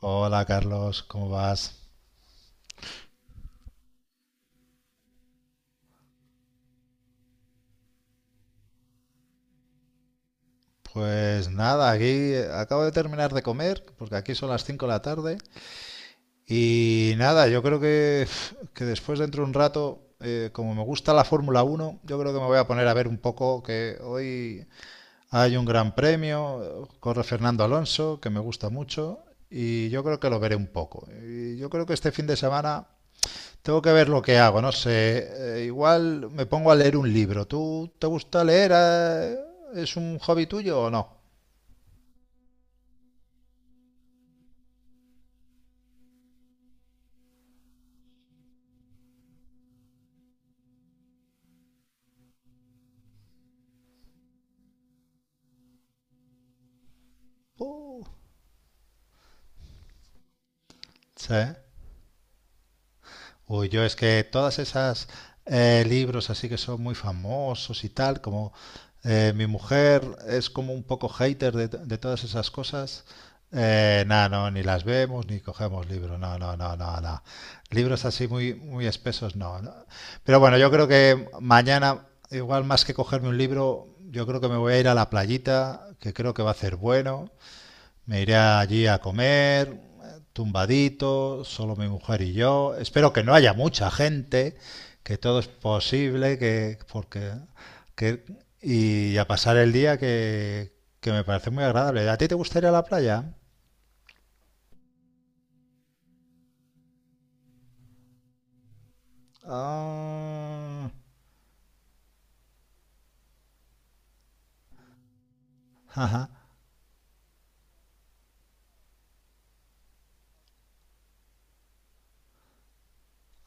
Hola Carlos, ¿cómo vas? Pues nada, aquí acabo de terminar de comer, porque aquí son las 5 de la tarde. Y nada, yo creo que después dentro de un rato, como me gusta la Fórmula Uno, yo creo que me voy a poner a ver un poco, que hoy hay un gran premio, corre Fernando Alonso, que me gusta mucho, y yo creo que lo veré un poco. Y yo creo que este fin de semana tengo que ver lo que hago, no sé. Igual me pongo a leer un libro. ¿Tú te gusta leer, ¿Es un hobby tuyo o no? Uh, sí. Uy, yo es que todas esas libros así que son muy famosos y tal, como, mi mujer es como un poco hater de todas esas cosas, nada, no, ni las vemos ni cogemos libros, no, no, no, no, no. Libros así muy, muy espesos, no, no. Pero bueno, yo creo que mañana, igual más que cogerme un libro, yo creo que me voy a ir a la playita, que creo que va a hacer bueno, me iré allí a comer, tumbadito, solo mi mujer y yo. Espero que no haya mucha gente, que todo es posible, que, y a pasar el día que me parece muy agradable. ¿A ti te gustaría la playa? Ah, ajá.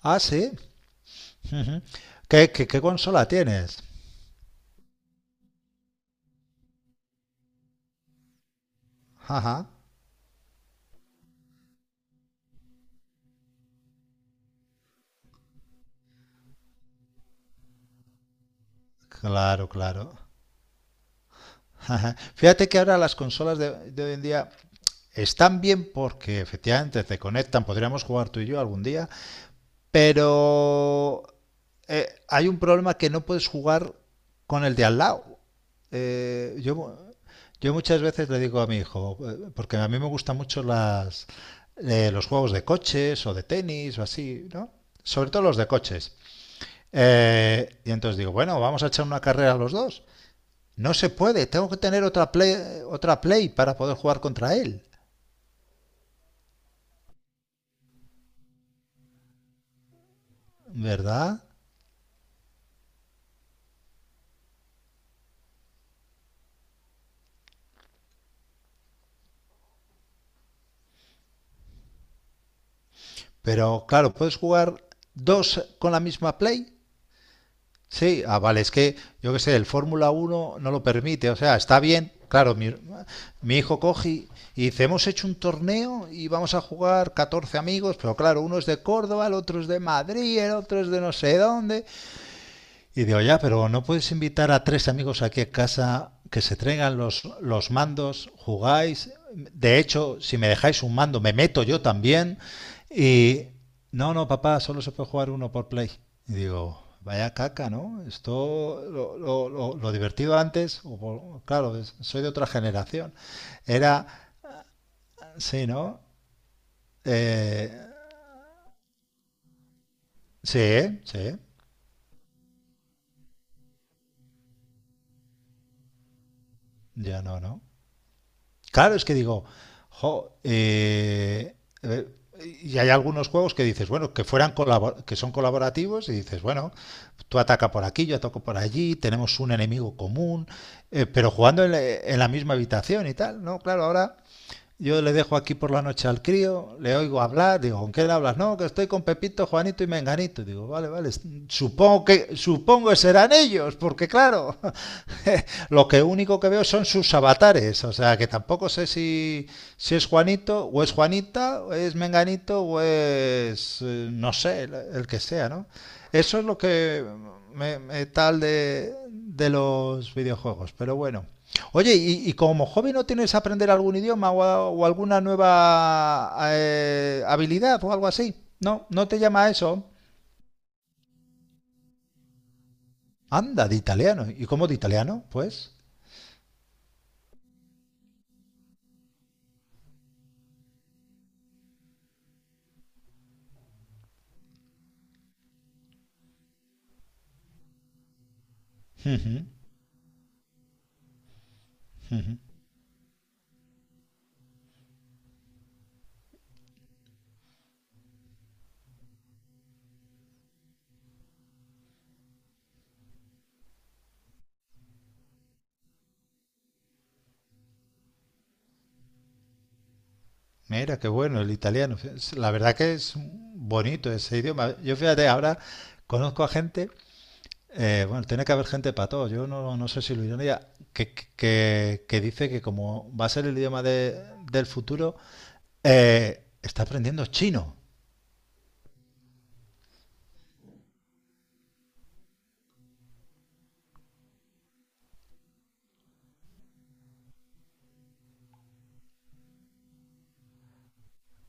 Ah, sí. Ujú. ¿Qué consola tienes? Ajá. Claro, claro. Fíjate que ahora las consolas de hoy en día están bien porque efectivamente te conectan, podríamos jugar tú y yo algún día, pero hay un problema, que no puedes jugar con el de al lado. Eh, yo, yo muchas veces le digo a mi hijo, porque a mí me gustan mucho las, los juegos de coches o de tenis o así, ¿no? Sobre todo los de coches. Y entonces digo, bueno, vamos a echar una carrera a los dos. No se puede, tengo que tener otra play para poder jugar contra él, ¿verdad? Pero claro, ¿puedes jugar dos con la misma play? Sí, ah, vale, es que yo qué sé, el Fórmula uno no lo permite, o sea, está bien. Claro, mi hijo coge y dice, hemos hecho un torneo y vamos a jugar 14 amigos, pero claro, uno es de Córdoba, el otro es de Madrid, el otro es de no sé dónde, y digo, ya, pero no puedes invitar a tres amigos aquí a casa que se traigan los mandos, jugáis. De hecho, si me dejáis un mando, me meto yo también. Y no, no, papá, solo se puede jugar uno por play. Y digo, vaya caca, ¿no? Esto, lo divertido antes, o claro, soy de otra generación. Era, sí, ¿no? Eh, sí, sí, ya no, ¿no? Claro, es que digo, jo, eh, y hay algunos juegos que dices, bueno, que son colaborativos y dices, bueno, tú ataca por aquí, yo ataco por allí, tenemos un enemigo común, pero jugando en la misma habitación y tal, ¿no? Claro, ahora yo le dejo aquí por la noche al crío, le oigo hablar, digo, ¿con qué le hablas? No, que estoy con Pepito, Juanito y Menganito. Digo, vale, vale, supongo que serán ellos, porque claro, lo que único que veo son sus avatares, o sea, que tampoco sé si, si es Juanito, o es Juanita, o es Menganito, o es, no sé, el que sea, ¿no? Eso es lo que me tal de los videojuegos, pero bueno. Oye, y como hobby no tienes aprender algún idioma o, o alguna nueva habilidad o algo así? No, no te llama a eso. Anda, de italiano. ¿Y cómo de italiano? Pues, mira, qué bueno el italiano. La verdad que es bonito ese idioma. Yo fíjate, ahora conozco a gente, bueno, tiene que haber gente para todo. Yo no, no sé si lo ironía, que dice que como va a ser el idioma del futuro, está aprendiendo chino.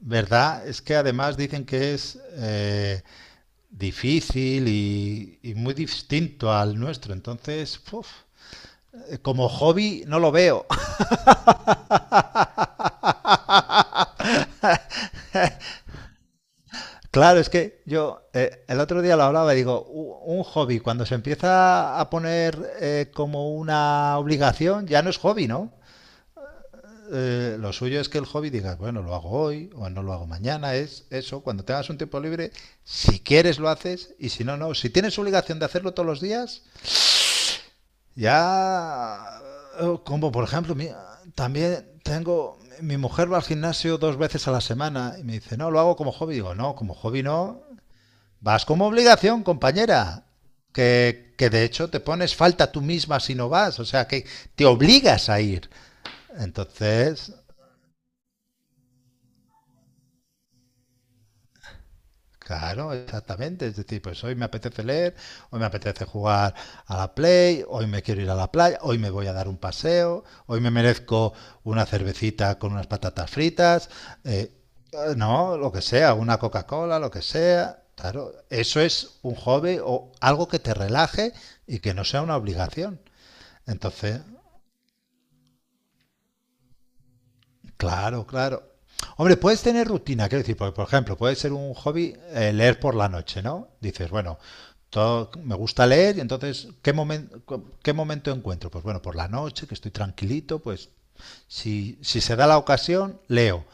¿Verdad? Es que además dicen que es difícil y muy distinto al nuestro. Entonces, uf, como hobby no lo veo. Claro, es que yo el otro día lo hablaba y digo, un hobby cuando se empieza a poner como una obligación ya no es hobby, ¿no? Lo suyo es que el hobby digas, bueno, lo hago hoy o no lo hago mañana, es eso, cuando tengas un tiempo libre, si quieres lo haces y si no, no. Si tienes obligación de hacerlo todos los días, ya, como por ejemplo, también tengo, mi mujer va al gimnasio 2 veces a la semana y me dice, no, lo hago como hobby. Digo, no, como hobby no, vas como obligación, compañera. Que de hecho te pones falta tú misma si no vas, o sea que te obligas a ir. Entonces, Claro, exactamente. Es decir, pues hoy me apetece leer, hoy me apetece jugar a la Play, hoy me quiero ir a la playa, hoy me voy a dar un paseo, hoy me merezco una cervecita con unas patatas fritas, eh, no, lo que sea, una Coca-Cola, lo que sea. Claro, eso es un hobby o algo que te relaje y que no sea una obligación. Entonces, Claro, claro. Hombre, puedes tener rutina, quiero decir, porque, por ejemplo, puede ser un hobby leer por la noche, ¿no? Dices, bueno, todo, me gusta leer y entonces, ¿qué momento encuentro? Pues bueno, por la noche, que estoy tranquilito, pues si se da la ocasión, leo.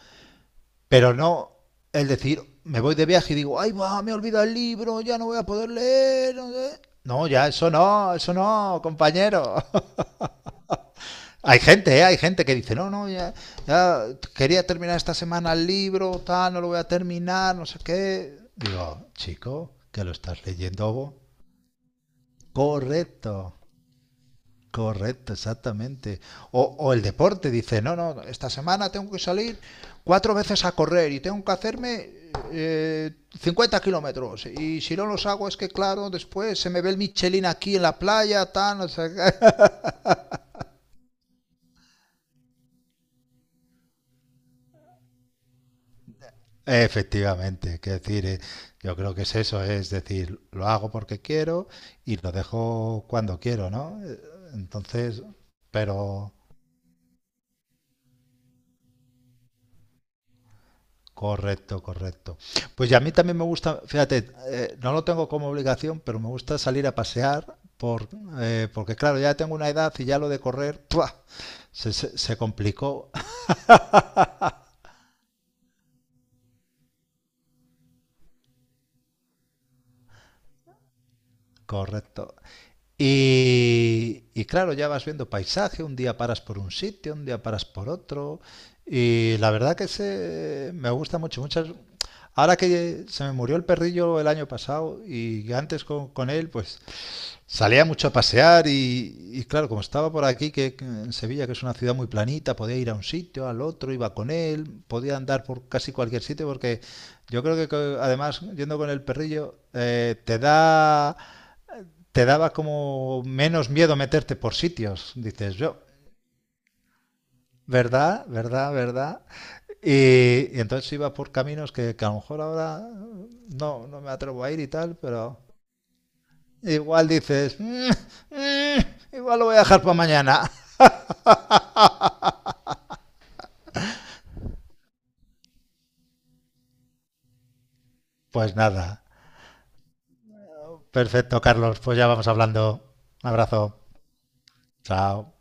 Pero no el decir, me voy de viaje y digo, ay, va, me olvida el libro, ya no voy a poder leer. No, sé". No, ya, eso no, compañero. Hay gente, ¿eh? Hay gente que dice, no, no, ya quería terminar esta semana el libro, tal, no lo voy a terminar, no sé qué. Digo, chico, que lo estás leyendo. ¿Vos? Correcto, correcto, exactamente. O el deporte dice, no, no, esta semana tengo que salir 4 veces a correr y tengo que hacerme eh, 50 kilómetros. Y si no los hago es que, claro, después se me ve el Michelin aquí en la playa, tal, no sé qué. Efectivamente, que decir, yo creo que es eso, es decir, lo hago porque quiero y lo dejo cuando quiero, ¿no? Entonces, pero correcto, correcto. Pues ya a mí también me gusta, fíjate, no lo tengo como obligación, pero me gusta salir a pasear por, porque claro, ya tengo una edad y ya lo de correr, ¡pua! se complicó. Correcto. Y claro, ya vas viendo paisaje, un día paras por un sitio, un día paras por otro. Y la verdad que se, me gusta mucho. Muchas, ahora que se me murió el perrillo el año pasado y antes con él, pues salía mucho a pasear y claro, como estaba por aquí, que en Sevilla, que es una ciudad muy planita, podía ir a un sitio, al otro, iba con él, podía andar por casi cualquier sitio porque yo creo que además yendo con el perrillo te daba como menos miedo meterte por sitios, dices yo. ¿Verdad? ¿Verdad? ¿Verdad? Y entonces iba por caminos a lo mejor ahora no, no me atrevo a ir y tal, pero igual dices, igual lo voy a dejar para mañana. Pues nada. Perfecto, Carlos. Pues ya vamos hablando. Un abrazo. Chao.